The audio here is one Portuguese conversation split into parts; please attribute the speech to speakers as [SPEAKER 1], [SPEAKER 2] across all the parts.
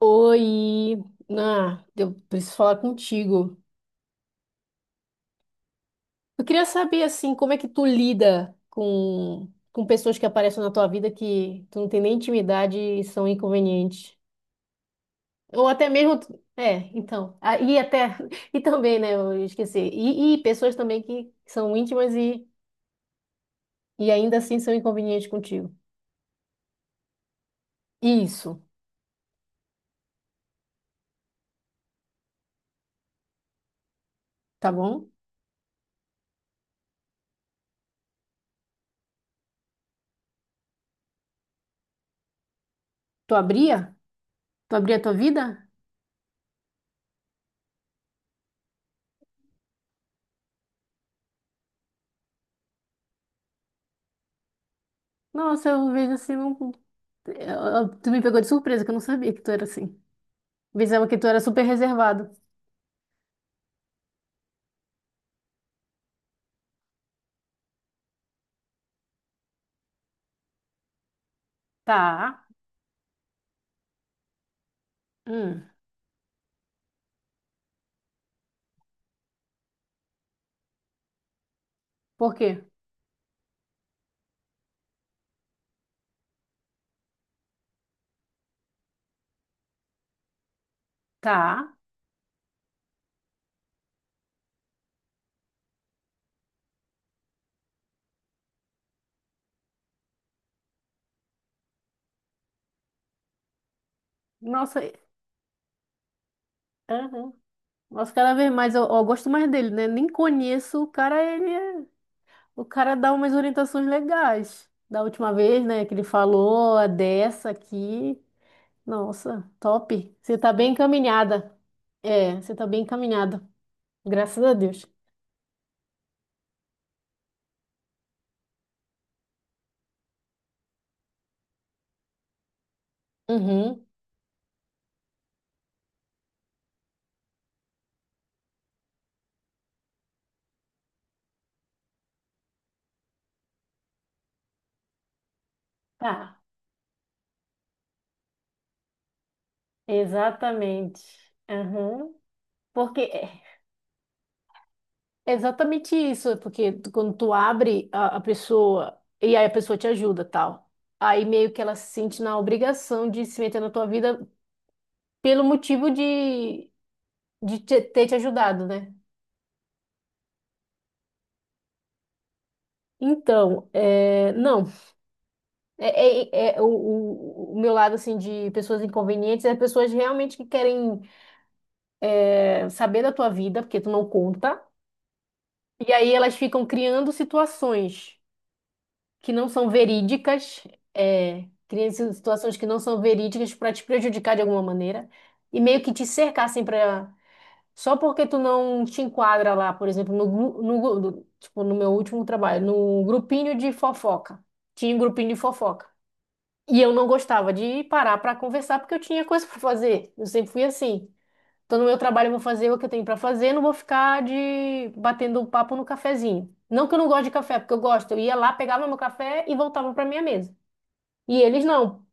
[SPEAKER 1] Oi, eu preciso falar contigo. Eu queria saber assim, como é que tu lida com pessoas que aparecem na tua vida que tu não tem nem intimidade e são inconvenientes. Ou até mesmo, então, e até e também, né, eu esqueci. E pessoas também que são íntimas e ainda assim são inconvenientes contigo. Isso, tá bom? Tu abria? Tu abria a tua vida? Nossa, eu vejo assim, não, tu me pegou de surpresa, que eu não sabia que tu era assim. Pensava que tu era super reservado. Tá. Hum. Por quê? Tá. Nossa, e- aham. Nossa, cada vez mais eu gosto mais dele, né? Nem conheço o cara, ele é... O cara dá umas orientações legais. Da última vez, né, que ele falou a dessa aqui. Nossa, top. Você tá bem encaminhada. É, você tá bem encaminhada. Graças a Deus. Uhum. Tá. Exatamente. Aham. Porque é, É exatamente isso, porque quando tu abre a pessoa e aí a pessoa te ajuda, tal. Aí meio que ela se sente na obrigação de se meter na tua vida pelo motivo de, ter te ajudado, né? Então, não, é o meu lado assim de pessoas inconvenientes é pessoas realmente que querem saber da tua vida, porque tu não conta, e aí elas ficam criando situações que não são verídicas, é, cria situações que não são verídicas para te prejudicar de alguma maneira e meio que te cercassem para só porque tu não te enquadra lá, por exemplo, tipo, no meu último trabalho, no grupinho de fofoca. Tinha um grupinho de fofoca. E eu não gostava de parar para conversar porque eu tinha coisa para fazer. Eu sempre fui assim. Então, no meu trabalho, eu vou fazer o que eu tenho para fazer, não vou ficar de batendo papo no cafezinho. Não que eu não goste de café, porque eu gosto. Eu ia lá, pegava meu café e voltava para minha mesa. E eles não.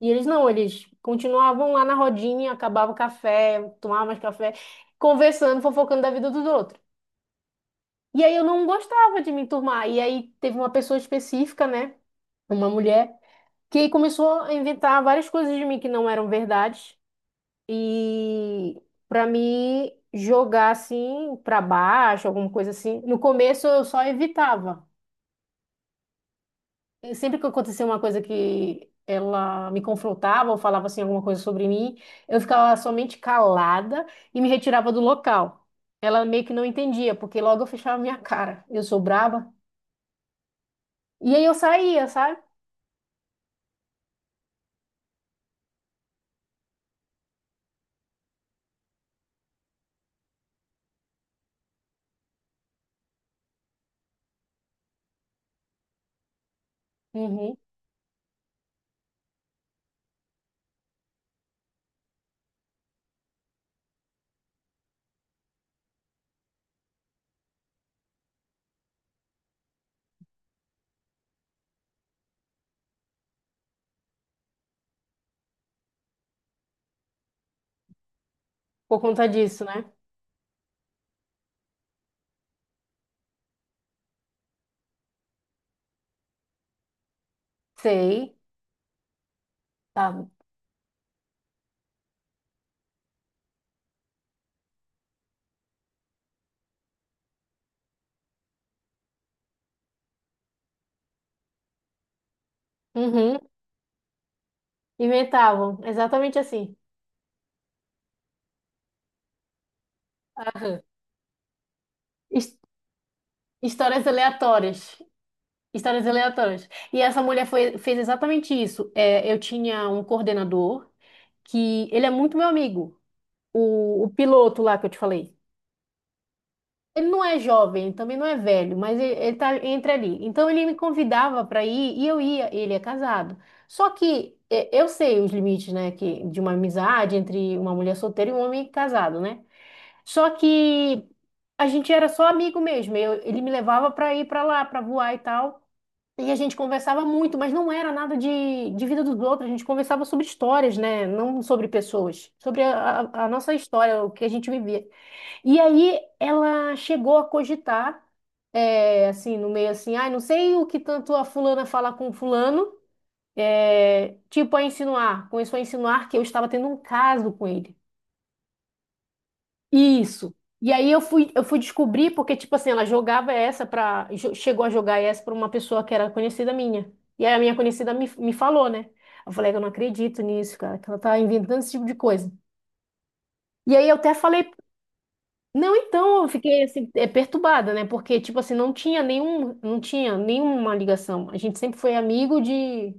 [SPEAKER 1] E eles não, eles continuavam lá na rodinha, acabava o café, tomava mais café, conversando, fofocando da vida dos outros. E aí eu não gostava de me enturmar. E aí teve uma pessoa específica, né? Uma mulher, que começou a inventar várias coisas de mim que não eram verdade e para mim jogar assim para baixo, alguma coisa assim. No começo eu só evitava. E sempre que acontecia uma coisa que ela me confrontava ou falava assim alguma coisa sobre mim, eu ficava somente calada e me retirava do local. Ela meio que não entendia, porque logo eu fechava minha cara. Eu sou braba. E aí eu saía, sabe? Uhum. Por conta disso, né? Sei, sabe? Uhum. Inventavam, exatamente assim. Aham. Histórias aleatórias. Histórias aleatórias. E essa mulher fez exatamente isso. É, eu tinha um coordenador que ele é muito meu amigo. O piloto lá que eu te falei. Ele não é jovem, ele também não é velho, mas ele tá entre ali. Então ele me convidava para ir e eu ia. Ele é casado. Só que é, eu sei os limites, né, que, de uma amizade entre uma mulher solteira e um homem casado, né? Só que a gente era só amigo mesmo. Ele me levava para ir para lá, para voar e tal. E a gente conversava muito, mas não era nada de vida dos outros, a gente conversava sobre histórias, né? Não sobre pessoas, sobre a nossa história, o que a gente vivia. E aí ela chegou a cogitar, é, assim, no meio assim, ai, não sei o que tanto a fulana fala com fulano, é, tipo a insinuar, começou a insinuar que eu estava tendo um caso com ele. Isso. E aí eu fui descobrir, porque, tipo assim, ela jogava essa pra. Chegou a jogar essa pra uma pessoa que era conhecida minha. E aí a minha conhecida me falou, né? Eu falei que eu não acredito nisso, cara, que ela tá inventando esse tipo de coisa. E aí eu até falei, não, então, eu fiquei assim, é, perturbada, né? Porque, tipo assim, não tinha nenhuma ligação. A gente sempre foi amigo de.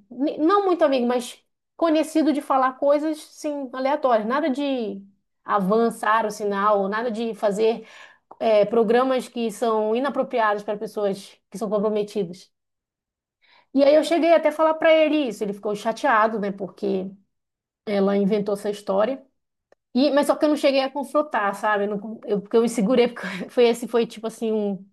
[SPEAKER 1] Não muito amigo, mas conhecido de falar coisas, sim, aleatórias. Nada de avançar o sinal, nada de fazer programas que são inapropriados para pessoas que são comprometidas. E aí eu cheguei até a falar para ele isso, ele ficou chateado, né, porque ela inventou essa história. E, mas só que eu não cheguei a confrontar, sabe? Eu, não eu- porque eu me segurei, porque foi tipo assim um,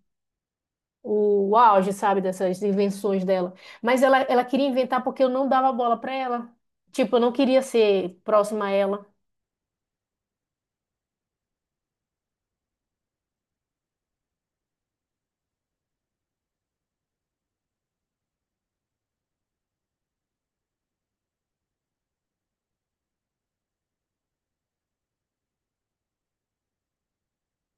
[SPEAKER 1] o auge, sabe, dessas invenções dela. Mas ela queria inventar porque eu não dava bola para ela. Tipo, eu não queria ser próxima a ela.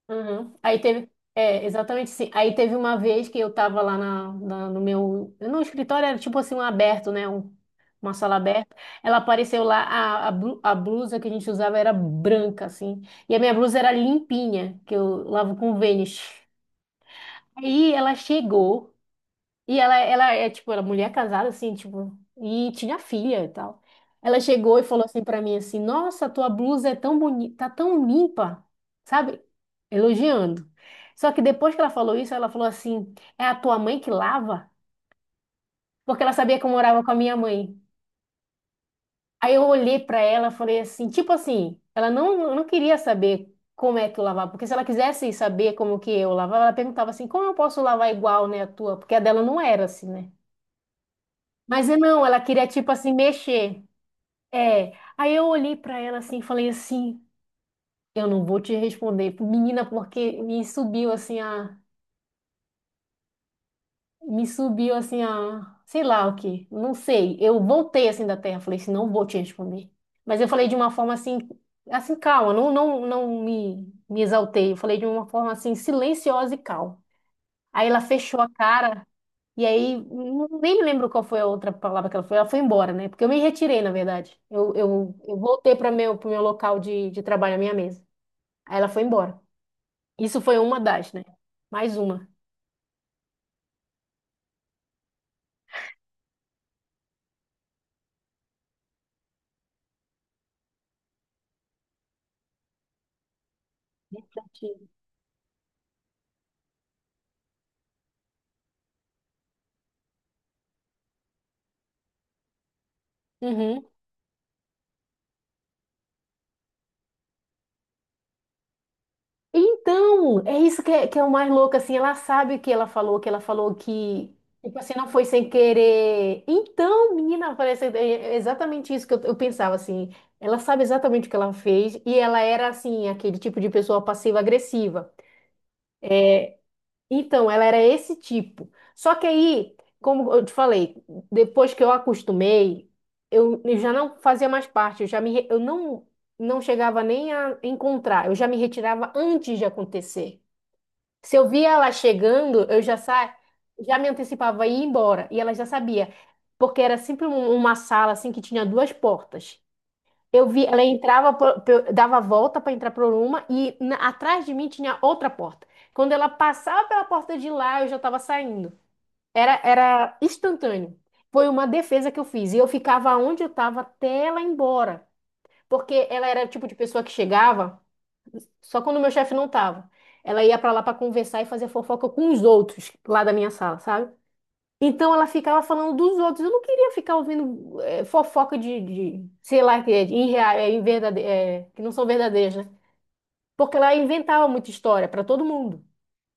[SPEAKER 1] Uhum. Aí teve, é, exatamente assim. Aí teve uma vez que eu tava lá no meu, no escritório era tipo assim um aberto, né? Um, uma sala aberta. Ela apareceu lá, a blusa que a gente usava era branca, assim. E a minha blusa era limpinha, que eu lavo com Vênus. Aí ela chegou. E ela é, tipo, era mulher casada, assim, tipo, e tinha filha e tal. Ela chegou e falou assim pra mim, assim, nossa, tua blusa é tão bonita, tá tão limpa, sabe? Elogiando. Só que depois que ela falou isso, ela falou assim, é a tua mãe que lava? Porque ela sabia que eu morava com a minha mãe. Aí eu olhei pra ela, falei assim, tipo assim, ela não, não queria saber como é que eu lavava, porque se ela quisesse saber como que eu lavava, ela perguntava assim, como eu posso lavar igual, né, a tua? Porque a dela não era assim, né? Mas eu não, ela queria, tipo assim, mexer. É. Aí eu olhei pra ela assim e falei assim: eu não vou te responder, menina, porque me subiu assim a. Me subiu assim a. Sei lá o que, não sei. Eu voltei assim da terra, falei assim: não vou te responder. Mas eu falei de uma forma assim, assim, calma, não, não, me exaltei. Eu falei de uma forma assim, silenciosa e calma. Aí ela fechou a cara. E aí, nem me lembro qual foi a outra palavra que ela foi. Ela foi embora, né? Porque eu me retirei, na verdade. Eu voltei para meu, pro meu local de trabalho, a minha mesa. Aí ela foi embora. Isso foi uma das, né? Mais uma. Refletindo. Uhum. Então, é isso que é o mais louco, assim, ela sabe o que ela falou, que ela falou que, tipo assim, não foi sem querer. Então, menina, parece é é exatamente isso que eu pensava, assim, ela sabe exatamente o que ela fez e ela era, assim, aquele tipo de pessoa passiva-agressiva. Então, ela era esse tipo. Só que aí, como eu te falei, depois que eu acostumei, eu já não fazia mais parte, eu já me, re- eu não, não chegava nem a encontrar, eu já me retirava antes de acontecer. Se eu via ela chegando, eu já sa... já me antecipava e ia embora. E ela já sabia. Porque era sempre uma sala assim que tinha duas portas. Eu vi, ela entrava, dava a volta para entrar por uma e atrás de mim tinha outra porta. Quando ela passava pela porta de lá, eu já estava saindo. Era instantâneo. Foi uma defesa que eu fiz. E eu ficava onde eu estava até ela ir embora. Porque ela era o tipo de pessoa que chegava. Só quando meu chefe não tava. Ela ia pra lá pra conversar e fazer fofoca com os outros lá da minha sala, sabe? Então ela ficava falando dos outros. Eu não queria ficar ouvindo fofoca sei lá, que é de irreal, é, que não são verdadeiras, né? Porque ela inventava muita história pra todo mundo.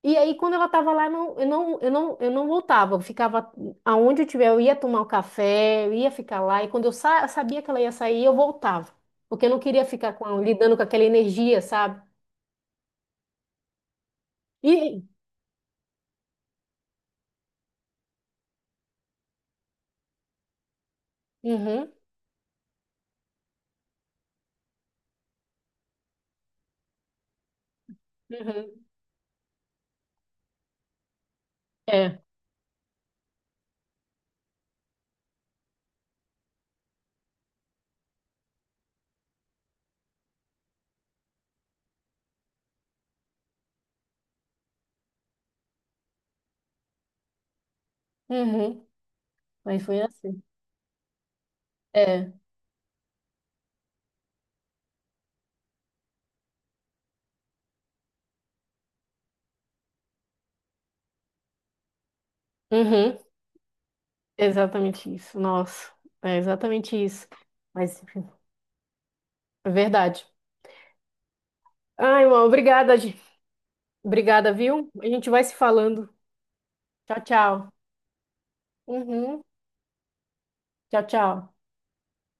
[SPEAKER 1] E aí quando ela tava lá, não, eu não voltava. Eu ficava aonde eu tiver, eu ia tomar um café, eu ia ficar lá. E quando eu sabia que ela ia sair, eu voltava, porque eu não queria ficar com, lidando com aquela energia, sabe? E Uhum. Uhum. É. Uhum. Mas foi assim. É. Uhum. Exatamente isso. Nossa. É exatamente isso. Mas, enfim, é verdade. Ai, irmão, obrigada, gente. Obrigada, viu? A gente vai se falando. Tchau, tchau. Uhum. Tchau, tchau.